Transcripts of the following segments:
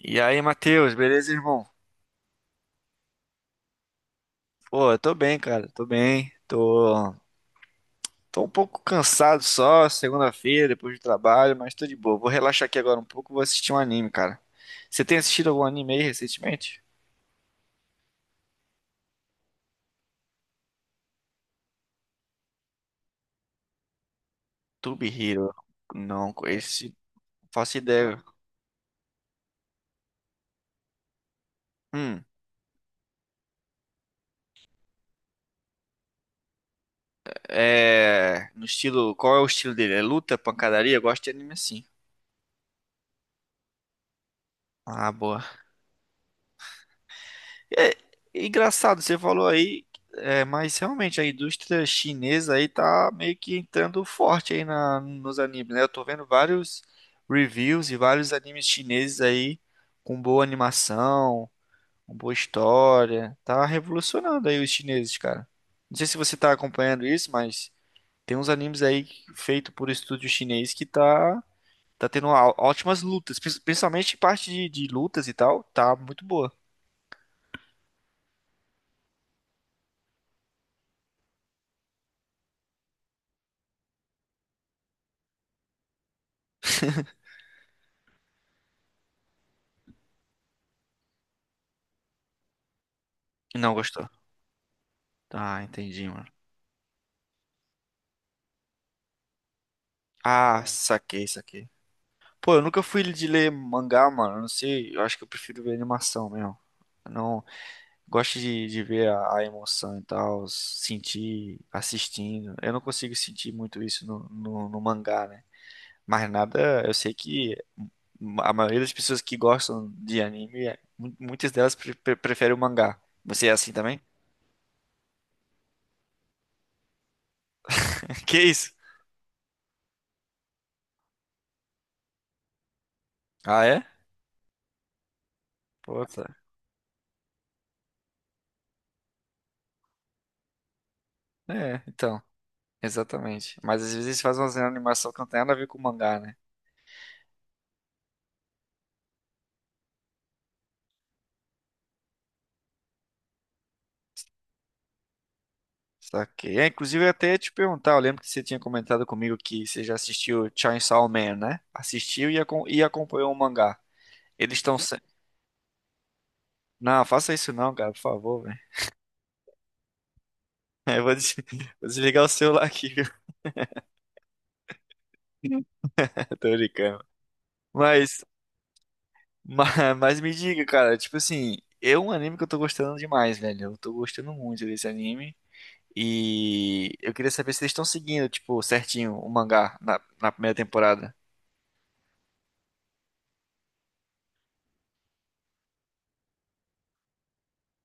E aí, Matheus, beleza, irmão? Pô, eu tô bem, cara, tô bem. Tô um pouco cansado só, segunda-feira, depois do trabalho, mas tô de boa. Vou relaxar aqui agora um pouco, vou assistir um anime, cara. Você tem assistido algum anime aí recentemente? Tube Hero. Não, esse não faço ideia. Hum, é. No estilo. Qual é o estilo dele? É luta, pancadaria? Eu gosto de anime assim. Ah, boa. É engraçado, você falou aí, é, mas realmente a indústria chinesa aí tá meio que entrando forte aí nos animes, né? Eu tô vendo vários reviews e vários animes chineses aí com boa animação, com boa história. Tá revolucionando aí os chineses, cara. Não sei se você tá acompanhando isso, mas tem uns animes aí feito por estúdio chinês que tá tendo ótimas lutas, principalmente parte de lutas e tal, tá muito boa. Não gostou. Ah, entendi, mano. Ah, saquei, saquei. Pô, eu nunca fui de ler mangá, mano. Eu Não sei, eu acho que eu prefiro ver animação mesmo. Eu não gosto de ver a emoção e tal, sentir assistindo. Eu não consigo sentir muito isso no mangá, né? Mas nada, eu sei que a maioria das pessoas que gostam de anime, muitas delas preferem o mangá. Você é assim também? Que isso? Ah, é? Pô, tá. É, então, exatamente. Mas às vezes eles fazem uma animação que não tem nada a ver com o mangá, né? Saquei. É, inclusive, eu ia até te perguntar, eu lembro que você tinha comentado comigo que você já assistiu Chainsaw Man, né? Assistiu e, e acompanhou o mangá. Eles estão... Se... Não, faça isso não, cara, por favor, velho. Eu vou, des- vou desligar o celular aqui, viu? Tô brincando. Mas, mas me diga, cara, tipo assim, é um anime que eu tô gostando demais, velho. Eu tô gostando muito desse anime. E eu queria saber se eles estão seguindo, tipo, certinho o mangá na primeira temporada.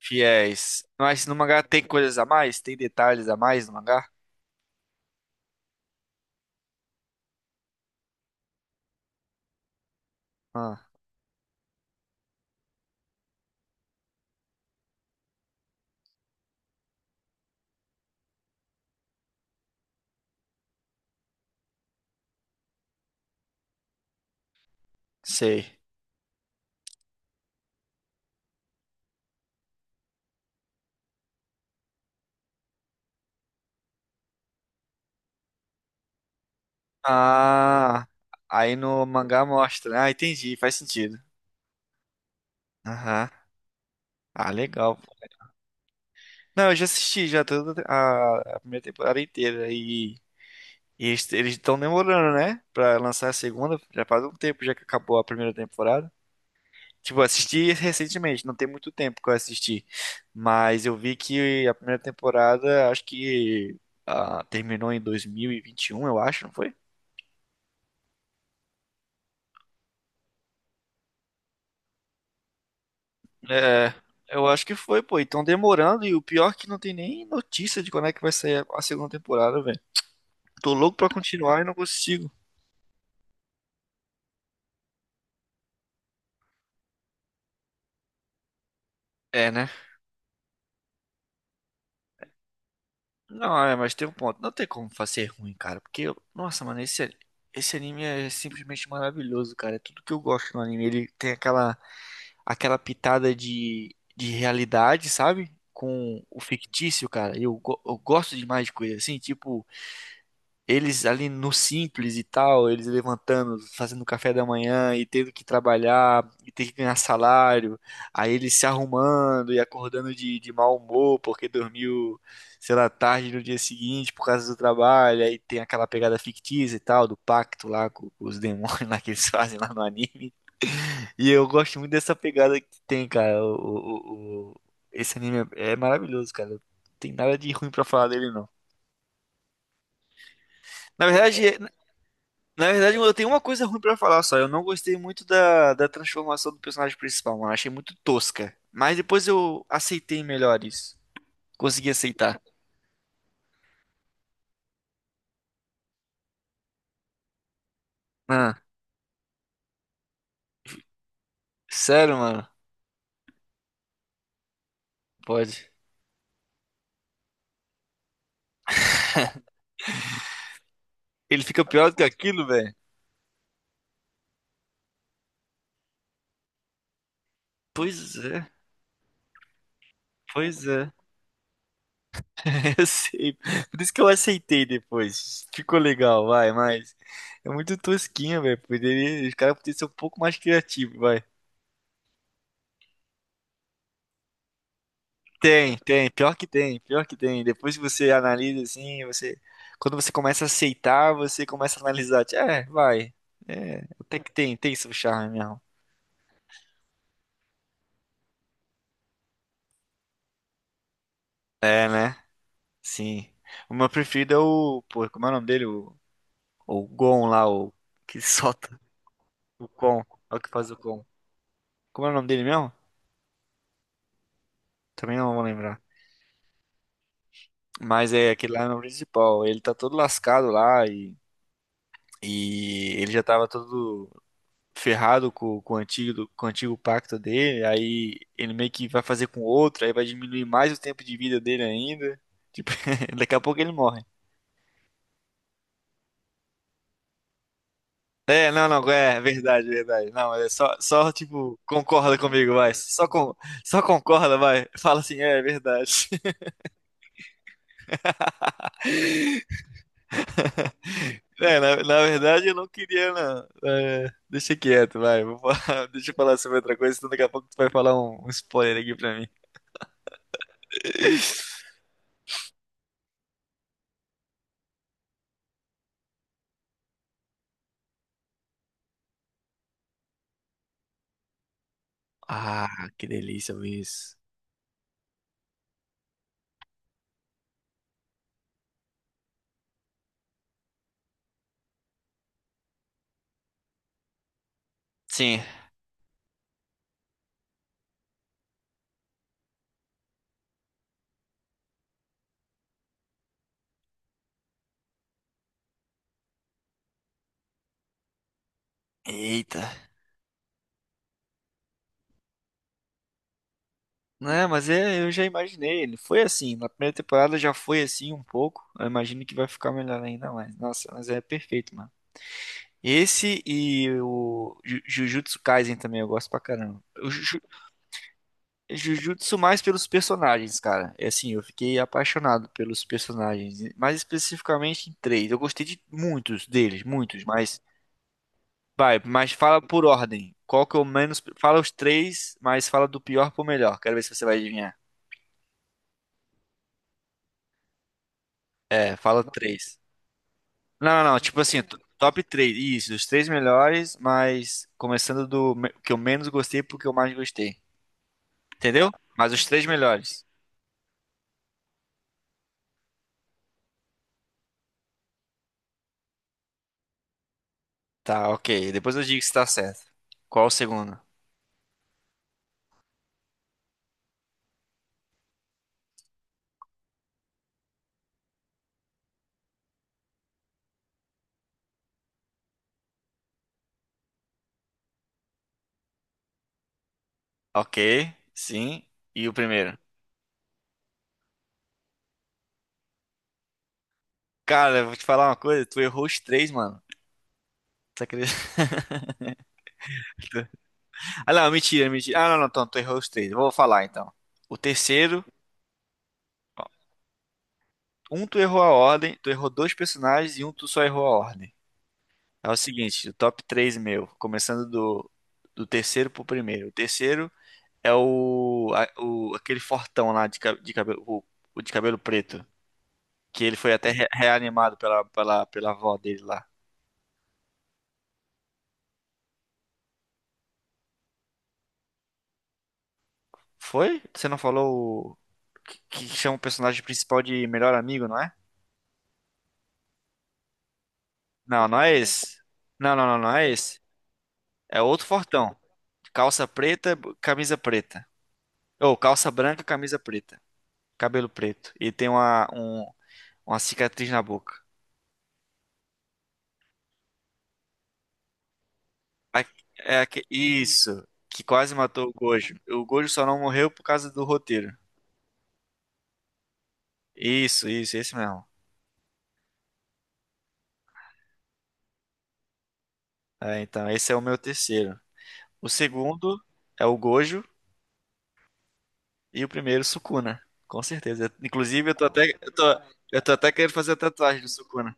Fiéis. Mas no mangá tem coisas a mais? Tem detalhes a mais no mangá? Ah, sei. Ah, aí no mangá mostra, né? Ah, entendi, faz sentido. Aham. Ah, legal. Não, eu já assisti já toda a primeira temporada inteira e eles estão demorando, né? Pra lançar a segunda. Já faz um tempo já que acabou a primeira temporada. Tipo, eu assisti recentemente, não tem muito tempo que eu assisti. Mas eu vi que a primeira temporada, acho que ah, terminou em 2021, eu acho, não foi? É, eu acho que foi, pô. E tão demorando, e o pior é que não tem nem notícia de quando é que vai sair a segunda temporada, velho. Tô louco pra continuar e não consigo. É, né? Não, é, mas tem um ponto. Não tem como fazer ruim, cara. Porque, nossa, mano, esse anime é simplesmente maravilhoso, cara. É tudo que eu gosto no anime. Ele tem aquela pitada de realidade, sabe? Com o fictício, cara. Eu gosto demais de coisa assim, tipo, eles ali no simples e tal, eles levantando, fazendo café da manhã e tendo que trabalhar e ter que ganhar salário. Aí eles se arrumando e acordando de mau humor porque dormiu, sei lá, tarde no dia seguinte por causa do trabalho. Aí tem aquela pegada fictícia e tal, do pacto lá com os demônios lá que eles fazem lá no anime. E eu gosto muito dessa pegada que tem, cara. O- o- esse anime é maravilhoso, cara. Não tem nada de ruim pra falar dele, não. Na verdade, É, é- na verdade, eu tenho uma coisa ruim pra falar só. Eu não gostei muito da transformação do personagem principal, mano. Achei muito tosca. Mas depois eu aceitei melhor isso. Consegui aceitar. Ah, sério, mano? Pode. Ele fica pior do que aquilo, velho? Pois é, pois é. Eu sei. Por isso que eu aceitei depois. Ficou legal, vai, mas é muito tosquinho, velho. Poderia, os caras poderiam ser um pouco mais criativos, vai. Tem, tem, pior que tem, pior que tem. Depois que você analisa assim, você quando você começa a aceitar, você começa a analisar, tipo, é, vai. É, até que tem, tem seu charme mesmo. É, né? Sim. O meu preferido é o, pô, como é o nome dele? O Gon lá, o que solta o Gon, é o que faz o Gon. Como é o nome dele mesmo? Também não vou lembrar. Mas é aquele lá no principal. Ele tá todo lascado lá e ele já tava todo ferrado com o antigo, com o antigo pacto dele. Aí ele meio que vai fazer com outro, aí vai diminuir mais o tempo de vida dele ainda. Tipo, daqui a pouco ele morre. É, não, não, é verdade, verdade. Não, é só, só tipo, concorda comigo, vai. Só concorda, vai. Fala assim, é, é verdade. É, na verdade eu não queria, não. É, deixa quieto, vai. Deixa eu falar sobre outra coisa, senão daqui a pouco tu vai falar um spoiler aqui pra mim. Ah, que delícia ouvir isso. Sim. Eita. Não, é, mas é, eu já imaginei. Ele foi assim. Na primeira temporada já foi assim um pouco. Eu imagino que vai ficar melhor ainda mais. Nossa, mas é perfeito, mano. Esse e o Jujutsu Kaisen também eu gosto pra caramba. Jujutsu mais pelos personagens, cara. É assim, eu fiquei apaixonado pelos personagens, mais especificamente em três. Eu gostei de muitos deles, muitos, mas vai, mas fala por ordem. Qual que é o menos? Fala os três, mas fala do pior pro melhor. Quero ver se você vai adivinhar. É, fala três. Não, não, não, tipo assim, top três. Isso, os três melhores, mas começando que eu menos gostei pro que eu mais gostei. Entendeu? Mas os três melhores. Tá, ok. Depois eu digo se tá certo. Qual o segundo? Ok, sim. E o primeiro? Cara, eu vou te falar uma coisa, tu errou os três, mano. Você acredita? Ah, não, mentira, mentira. Ah, não, não, então, tu errou os três. Eu vou falar então. O terceiro, ó, um tu errou a ordem, tu errou dois personagens e um tu só errou a ordem. É o seguinte, o top 3 meu, começando do, do terceiro pro primeiro. O terceiro é o, a- o aquele fortão lá de cabelo, o de cabelo preto, que ele foi até reanimado pela avó dele lá. Foi? Você não falou o... que, que chama o personagem principal de melhor amigo, não é? Não, não é esse. Não é esse. É outro fortão. Calça preta, camisa preta. Ou calça branca, camisa preta. Cabelo preto. E tem uma cicatriz na boca. A- É isso. Que quase matou o Gojo. O Gojo só não morreu por causa do roteiro. Isso, esse mesmo. É, então, esse é o meu terceiro. O segundo é o Gojo. E o primeiro, Sukuna. Com certeza. Inclusive, eu tô até querendo fazer a tatuagem do Sukuna.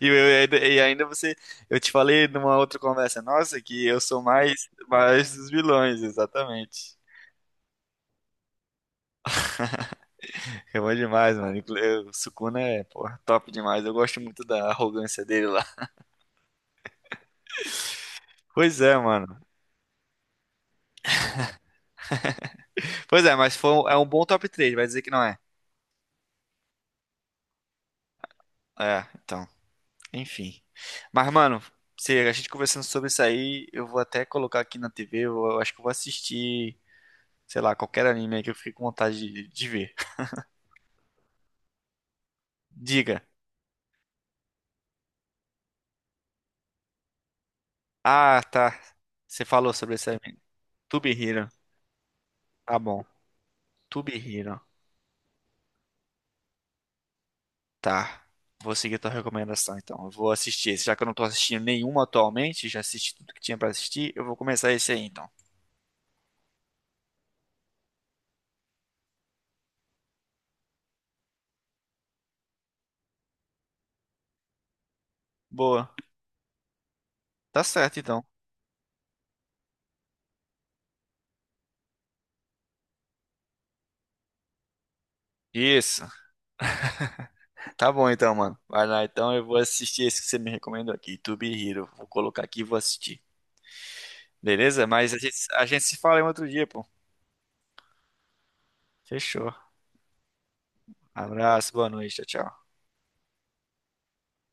E, e ainda você, eu te falei numa outra conversa nossa que eu sou mais, mais dos vilões, exatamente. É bom demais, mano. O Sukuna é, porra, top demais. Eu gosto muito da arrogância dele lá. Pois é, mano. Pois é, mas é um bom top 3. Vai dizer que não é. É, então, enfim. Mas, mano, se a gente conversando sobre isso aí, eu vou até colocar aqui na TV, eu acho que eu vou assistir sei lá, qualquer anime aí que eu fiquei com vontade de ver. Diga. Ah, tá. Você falou sobre esse anime. To Be Hero. Tá bom. To Be Hero. Tá. Vou seguir tua recomendação, então. Eu vou assistir esse. Já que eu não tô assistindo nenhuma atualmente, já assisti tudo que tinha pra assistir, eu vou começar esse aí, então. Boa. Tá certo, então. Isso. Tá bom, então, mano. Vai lá, então. Eu vou assistir esse que você me recomendou aqui. To Be Hero. Vou colocar aqui e vou assistir. Beleza? Mas a gente se fala em outro dia, pô. Fechou. Abraço, boa noite. Tchau, tchau.